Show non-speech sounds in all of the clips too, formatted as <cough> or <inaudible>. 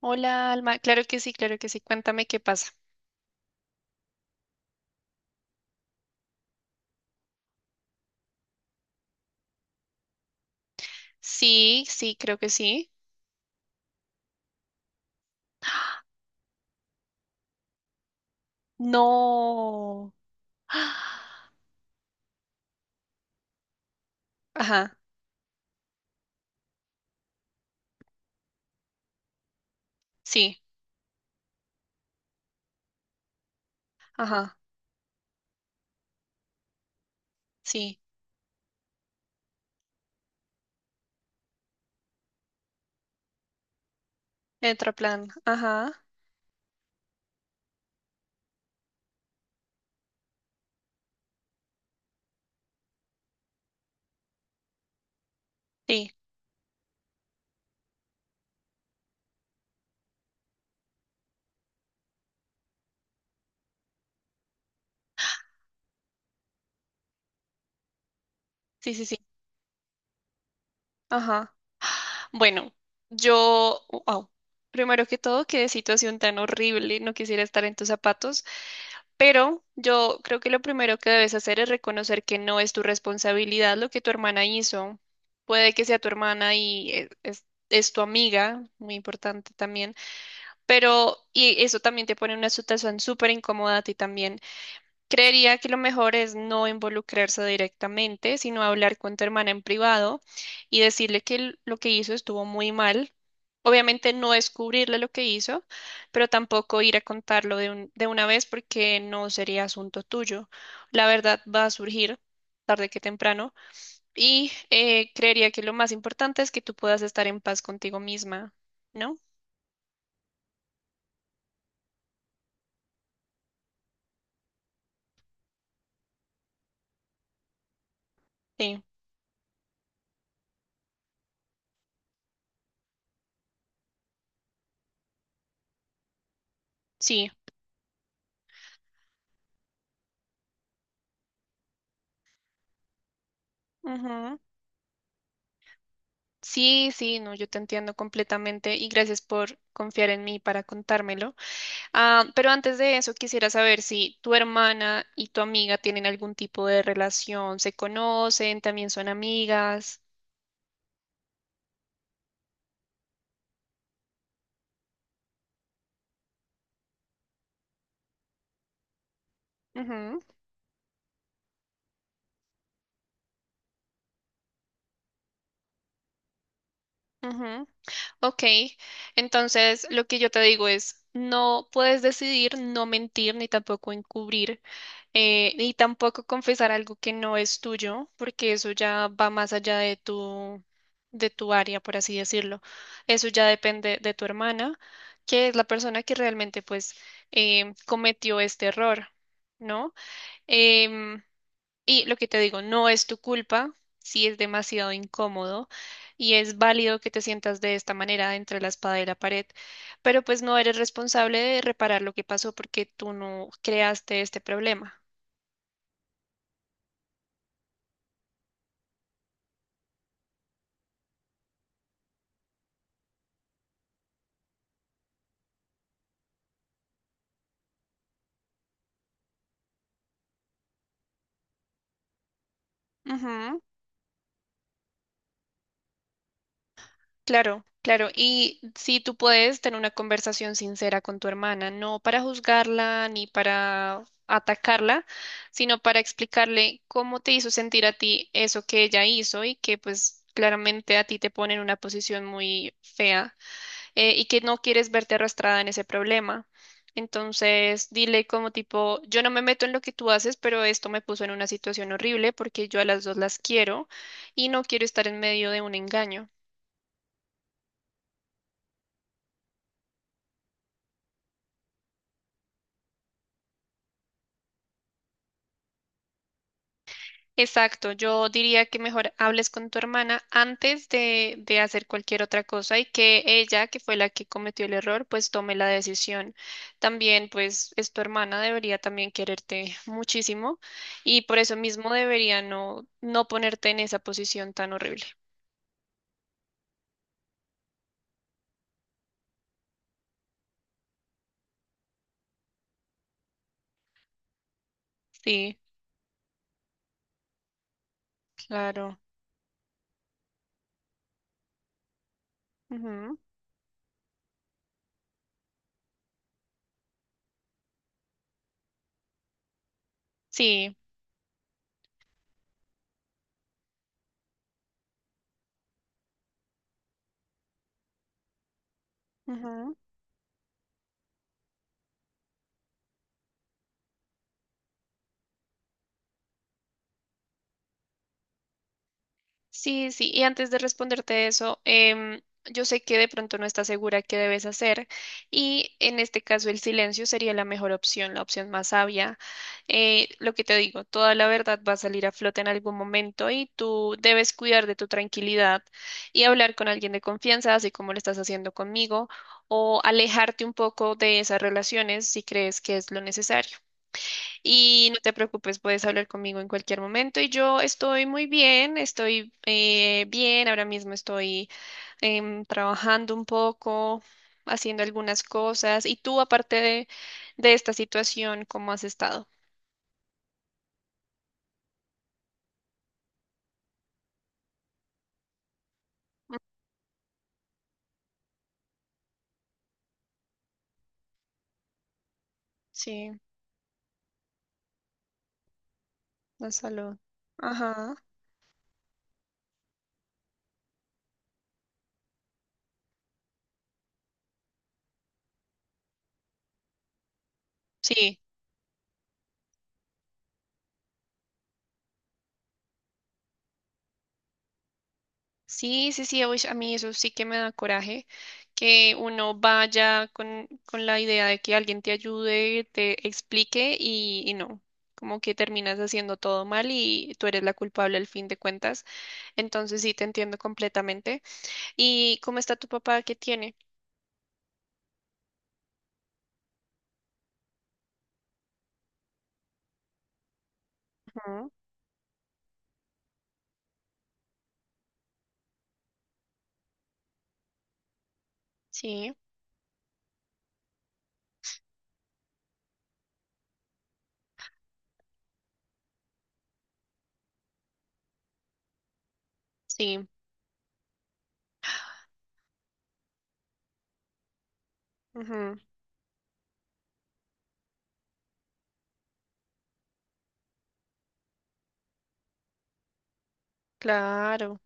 Hola, Alma. Claro que sí, claro que sí. Cuéntame qué pasa. Sí, sí, creo que sí. No. <gasps> Ajá, sí, ajá, sí. Plan. Ajá, sí, sí, sí, sí, ajá. Bueno, yo, wow. Primero que todo, qué situación tan horrible. No quisiera estar en tus zapatos. Pero yo creo que lo primero que debes hacer es reconocer que no es tu responsabilidad lo que tu hermana hizo. Puede que sea tu hermana y es tu amiga, muy importante también, pero y eso también te pone en una situación súper incómoda a ti también. Creería que lo mejor es no involucrarse directamente, sino hablar con tu hermana en privado y decirle que lo que hizo estuvo muy mal. Obviamente no descubrirle lo que hizo, pero tampoco ir a contarlo de de una vez porque no sería asunto tuyo. La verdad va a surgir tarde que temprano y creería que lo más importante es que tú puedas estar en paz contigo misma, ¿no? Sí, sí. Sí, sí, no, yo te entiendo completamente y gracias por confiar en mí para contármelo. Ah, pero antes de eso, quisiera saber si tu hermana y tu amiga tienen algún tipo de relación, se conocen, también son amigas. Ujú, ujú. Ok, entonces lo que yo te digo es, no puedes decidir no mentir ni tampoco encubrir. Y tampoco confesar algo que no es tuyo, porque eso ya va más allá de tu área, por así decirlo. Eso ya depende de tu hermana, que es la persona que realmente pues cometió este error, ¿no? Em, y lo que te digo, no es tu culpa, si es demasiado incómodo y es válido que te sientas de esta manera entre la espada y la pared, pero pues no eres responsable de reparar lo que pasó porque tú no creaste este problema. Ujú. Claro, claro. Y si tú puedes tener una conversación sincera con tu hermana, no para juzgarla ni para atacarla, sino para explicarle cómo te hizo sentir a ti eso que ella hizo y que pues claramente a ti te pone en una posición muy fea, y que no quieres verte arrastrada en ese problema. Entonces, dile como tipo, yo no me meto en lo que tú haces, pero esto me puso en una situación horrible porque yo a las dos las quiero y no quiero estar en medio de un engaño. Exacto, yo diría que mejor hables con tu hermana antes de hacer cualquier otra cosa y que ella, que fue la que cometió el error, pues tome la decisión. También, pues es tu hermana, debería también quererte muchísimo y por eso mismo debería no, no ponerte en esa posición tan horrible. Sí, claro. Ujú. Sí. Ujú. Sí, sí, y antes de responderte eso, yo sé que de pronto no estás segura qué debes hacer y en este caso el silencio sería la mejor opción, la opción más sabia. Lo que te digo, toda la verdad va a salir a flote en algún momento y tú debes cuidar de tu tranquilidad y hablar con alguien de confianza, así como lo estás haciendo conmigo, o alejarte un poco de esas relaciones si crees que es lo necesario. Y no te preocupes, puedes hablar conmigo en cualquier momento. Y yo estoy muy bien, estoy bien, ahora mismo estoy trabajando un poco, haciendo algunas cosas. Y tú, aparte de esta situación, ¿cómo has estado? Sí, la salud. Ajá. Sí. Sí, sí, sí, uy, a mí eso sí que me da coraje, que uno vaya con la idea de que alguien te ayude, te explique y no, como que terminas haciendo todo mal y tú eres la culpable al fin de cuentas. Entonces sí, te entiendo completamente. ¿Y cómo está tu papá? ¿Qué tiene? Ujú. Sí, sí, ujú, claro.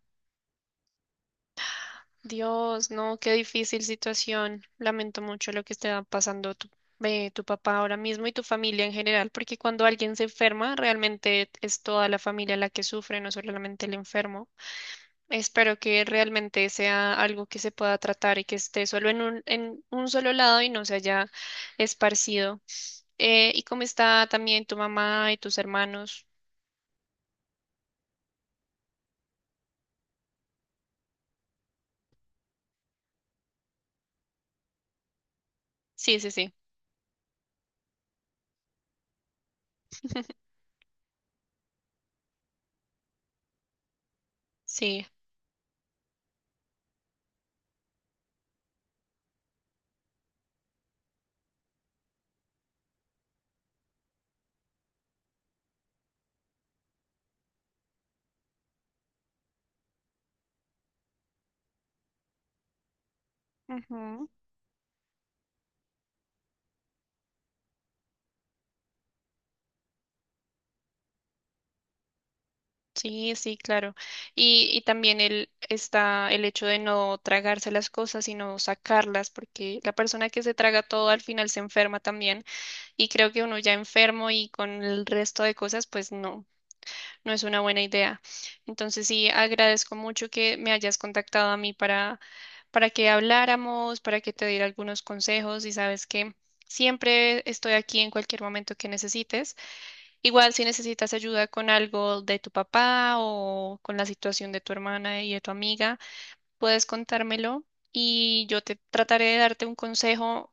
Dios, no, qué difícil situación. Lamento mucho lo que está pasando tu, tu papá ahora mismo y tu familia en general, porque cuando alguien se enferma, realmente es toda la familia la que sufre, no solamente el enfermo. Espero que realmente sea algo que se pueda tratar y que esté solo en un solo lado y no se haya esparcido. ¿Y cómo está también tu mamá y tus hermanos? Sí, sí, sí. <laughs> Sí. Sí, sí, claro. Y también el, está el hecho de no tragarse las cosas, sino sacarlas, porque la persona que se traga todo al final se enferma también. Y creo que uno ya enfermo y con el resto de cosas, pues no, no es una buena idea. Entonces sí, agradezco mucho que me hayas contactado a mí para que habláramos, para que te diera algunos consejos y sabes que siempre estoy aquí en cualquier momento que necesites. Igual si necesitas ayuda con algo de tu papá o con la situación de tu hermana y de tu amiga, puedes contármelo y yo te trataré de darte un consejo.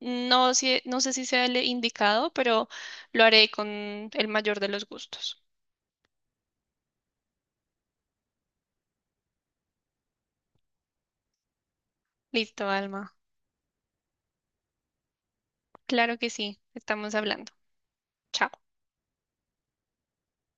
No, no sé si sea el indicado, pero lo haré con el mayor de los gustos. Listo, Alma. Claro que sí, estamos hablando. Chao.